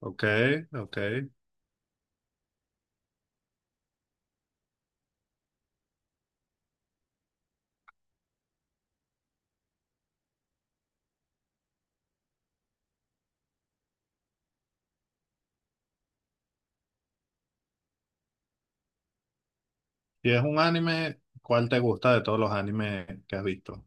Ok, ok. Si es un anime, ¿cuál te gusta de todos los animes que has visto?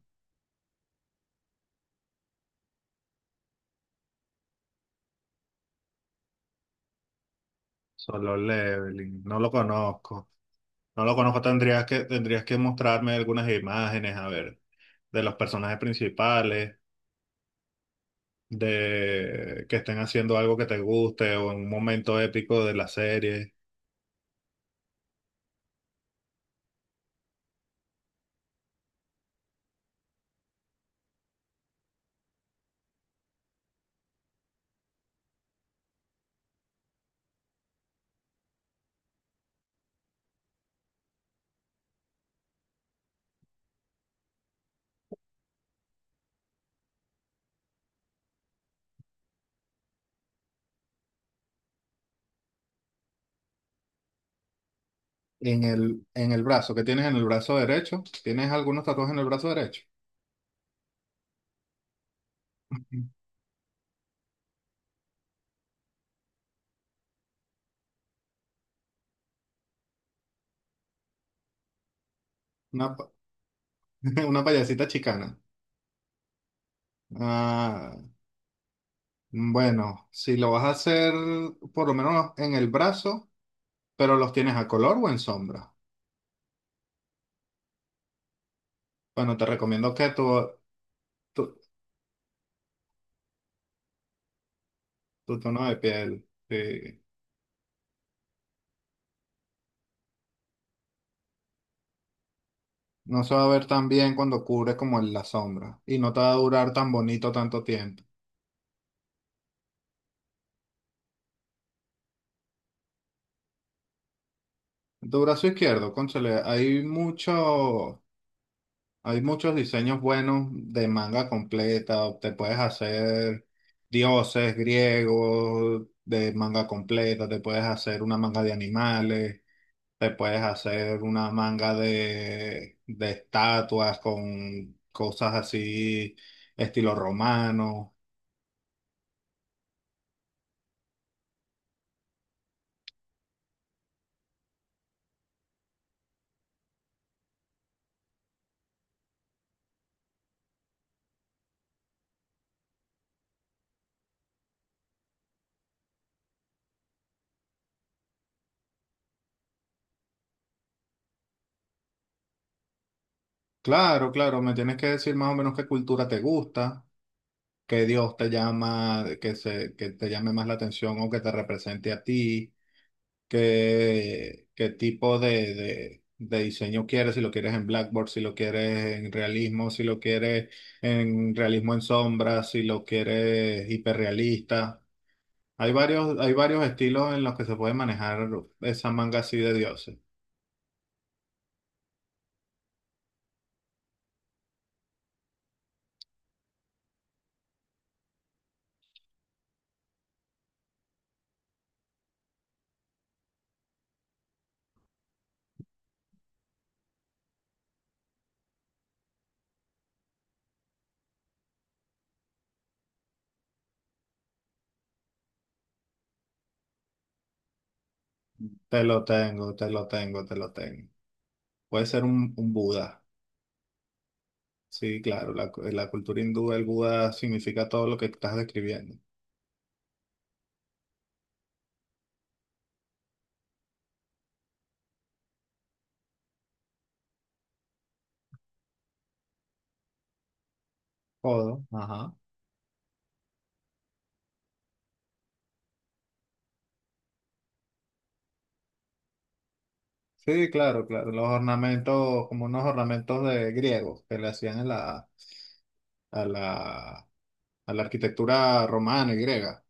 Solo Leveling, no lo conozco. No lo conozco, tendrías que mostrarme algunas imágenes, a ver, de los personajes principales, de que estén haciendo algo que te guste o en un momento épico de la serie. En el brazo, ¿qué tienes en el brazo derecho? ¿Tienes algunos tatuajes en el brazo derecho? Una, pa- una payasita chicana. Ah, bueno, si lo vas a hacer por lo menos en el brazo, pero los tienes a color o en sombra. Bueno, te recomiendo que tu, tu tono de piel no se va a ver tan bien cuando cubre como en la sombra y no te va a durar tan bonito tanto tiempo. Tu brazo izquierdo, cónchale, hay muchos diseños buenos de manga completa. Te puedes hacer dioses griegos de manga completa, te puedes hacer una manga de animales. Te puedes hacer una manga de estatuas con cosas así, estilo romano. Claro, claro, me tienes que decir más o menos qué cultura te gusta, qué dios te llama, que te llame más la atención o que te represente a ti. Qué tipo de diseño quieres, si lo quieres en Blackboard, si lo quieres en realismo, si lo quieres en realismo en sombra, si lo quieres hiperrealista. Hay varios estilos en los que se puede manejar esa manga así de dioses. Te lo tengo, te lo tengo, te lo tengo. Puede ser un Buda. Sí, claro, la cultura hindú, el Buda significa todo lo que estás describiendo. Todo, ajá. Sí, claro, claro. Los ornamentos, como unos ornamentos de griegos que le hacían en la, a la, a la arquitectura romana y griega.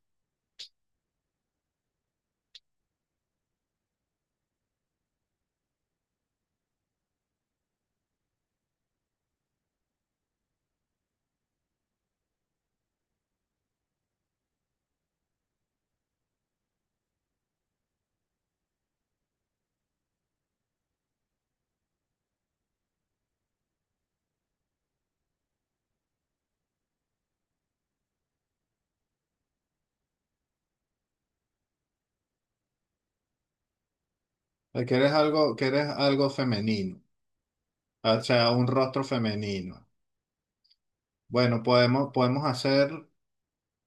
Quieres algo femenino, ah, o sea, un rostro femenino. Bueno, podemos hacer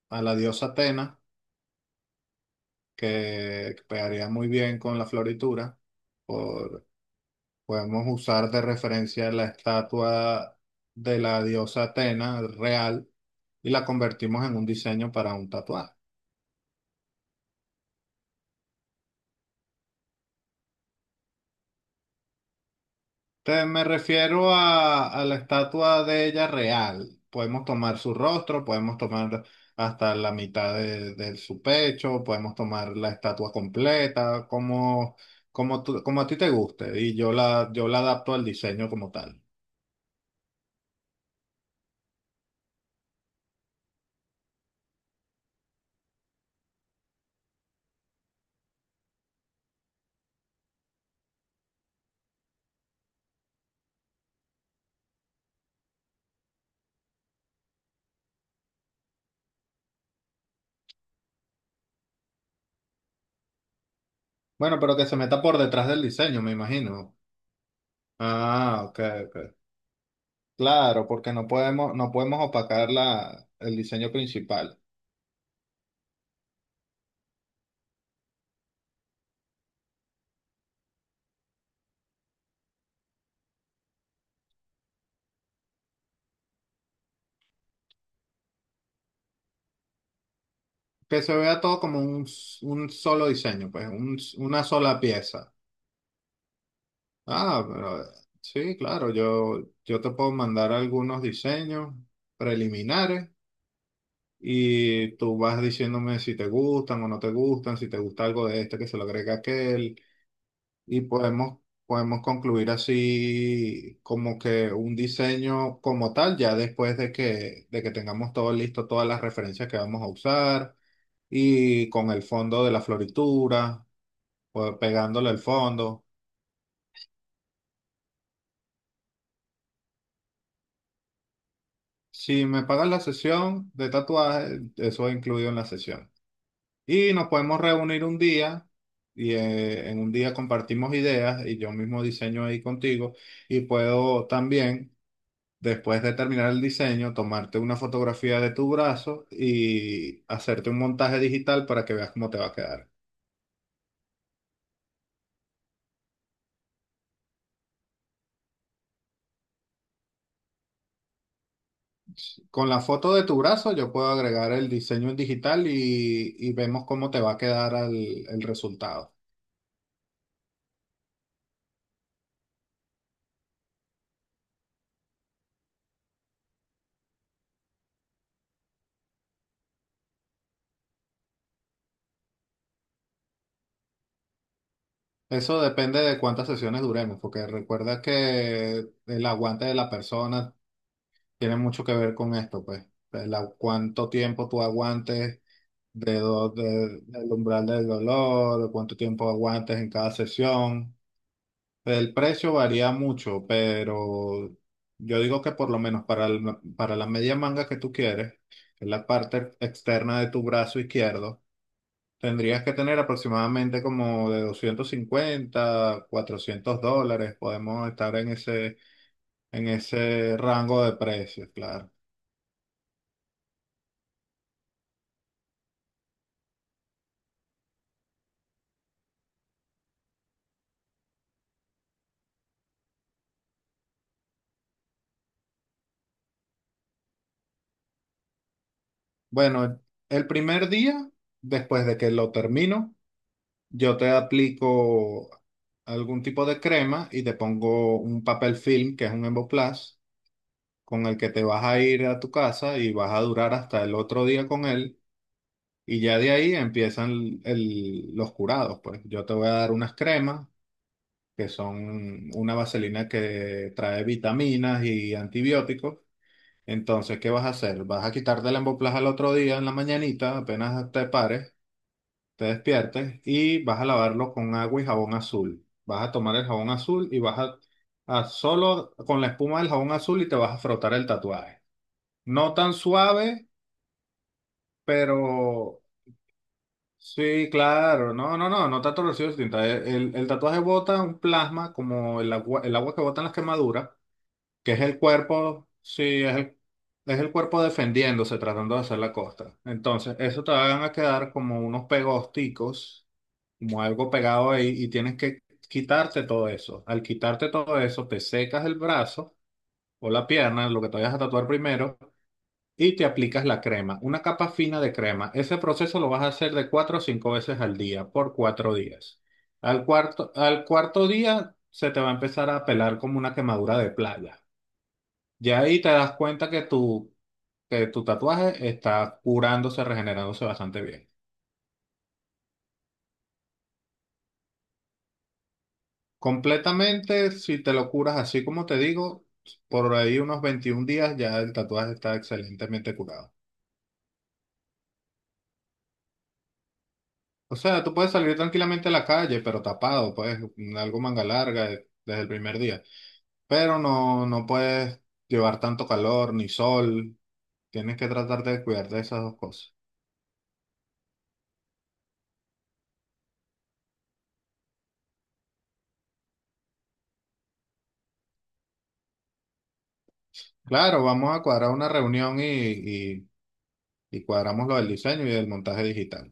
a la diosa Atena, que pegaría muy bien con la floritura. Por- Podemos usar de referencia la estatua de la diosa Atena real y la convertimos en un diseño para un tatuaje. Me refiero a la estatua de ella real. Podemos tomar su rostro, podemos tomar hasta la mitad de su pecho, podemos tomar la estatua completa, como, como, como a ti te guste. Y yo la adapto al diseño como tal. Bueno, pero que se meta por detrás del diseño, me imagino. Ah, ok, ok. Claro, porque no podemos opacar el diseño principal. Que se vea todo como un solo diseño, pues, una sola pieza. Ah, pero sí, claro, yo te puedo mandar algunos diseños preliminares y tú vas diciéndome si te gustan o no te gustan, si te gusta algo de este que se lo agrega aquel y podemos concluir así como que un diseño como tal ya después de que tengamos todo listo, todas las referencias que vamos a usar y con el fondo de la floritura, pues, pegándole el fondo. Si me pagan la sesión de tatuaje, eso es incluido en la sesión. Y nos podemos reunir un día y en un día compartimos ideas y yo mismo diseño ahí contigo y puedo también, después de terminar el diseño, tomarte una fotografía de tu brazo y hacerte un montaje digital para que veas cómo te va a quedar. Con la foto de tu brazo yo puedo agregar el diseño en digital y vemos cómo te va a quedar el resultado. Eso depende de cuántas sesiones duremos, porque recuerda que el aguante de la persona tiene mucho que ver con esto, pues. Cuánto tiempo tú aguantes del umbral del dolor, cuánto tiempo aguantes en cada sesión. El precio varía mucho, pero yo digo que por lo menos para la media manga que tú quieres, que es la parte externa de tu brazo izquierdo, tendrías que tener aproximadamente como de $250 $400. Podemos estar en ese rango de precios, claro. Bueno, el primer día, después de que lo termino, yo te aplico algún tipo de crema y te pongo un papel film, que es un Emboplast, con el que te vas a ir a tu casa y vas a durar hasta el otro día con él. Y ya de ahí empiezan los curados, pues. Yo te voy a dar unas cremas que son una vaselina que trae vitaminas y antibióticos. Entonces, ¿qué vas a hacer? Vas a quitarte la emboplaja al otro día en la mañanita, apenas te pares, te despiertes y vas a lavarlo con agua y jabón azul. Vas a tomar el jabón azul y a solo con la espuma del jabón azul y te vas a frotar el tatuaje. No tan suave, pero sí, claro, no tanto residuos de tinta. El, el tatuaje bota un plasma como el agua que botan las quemaduras, que es el cuerpo, sí, es es el cuerpo defendiéndose, tratando de hacer la costa. Entonces, eso te van a quedar como unos pegosticos, como algo pegado ahí, y tienes que quitarte todo eso. Al quitarte todo eso, te secas el brazo o la pierna, lo que te vayas a tatuar primero, y te aplicas la crema, una capa fina de crema. Ese proceso lo vas a hacer de cuatro o cinco veces al día, por 4 días. Al cuarto día se te va a empezar a pelar como una quemadura de playa. Ya ahí te das cuenta que tu tatuaje está curándose, regenerándose bastante bien. Completamente, si te lo curas así como te digo, por ahí unos 21 días ya el tatuaje está excelentemente curado. O sea, tú puedes salir tranquilamente a la calle, pero tapado, pues algo manga larga desde el primer día. Pero no, no puedes llevar tanto calor ni sol. Tienes que tratar de cuidar de esas dos cosas. Claro, vamos a cuadrar una reunión y cuadramos lo del diseño y del montaje digital.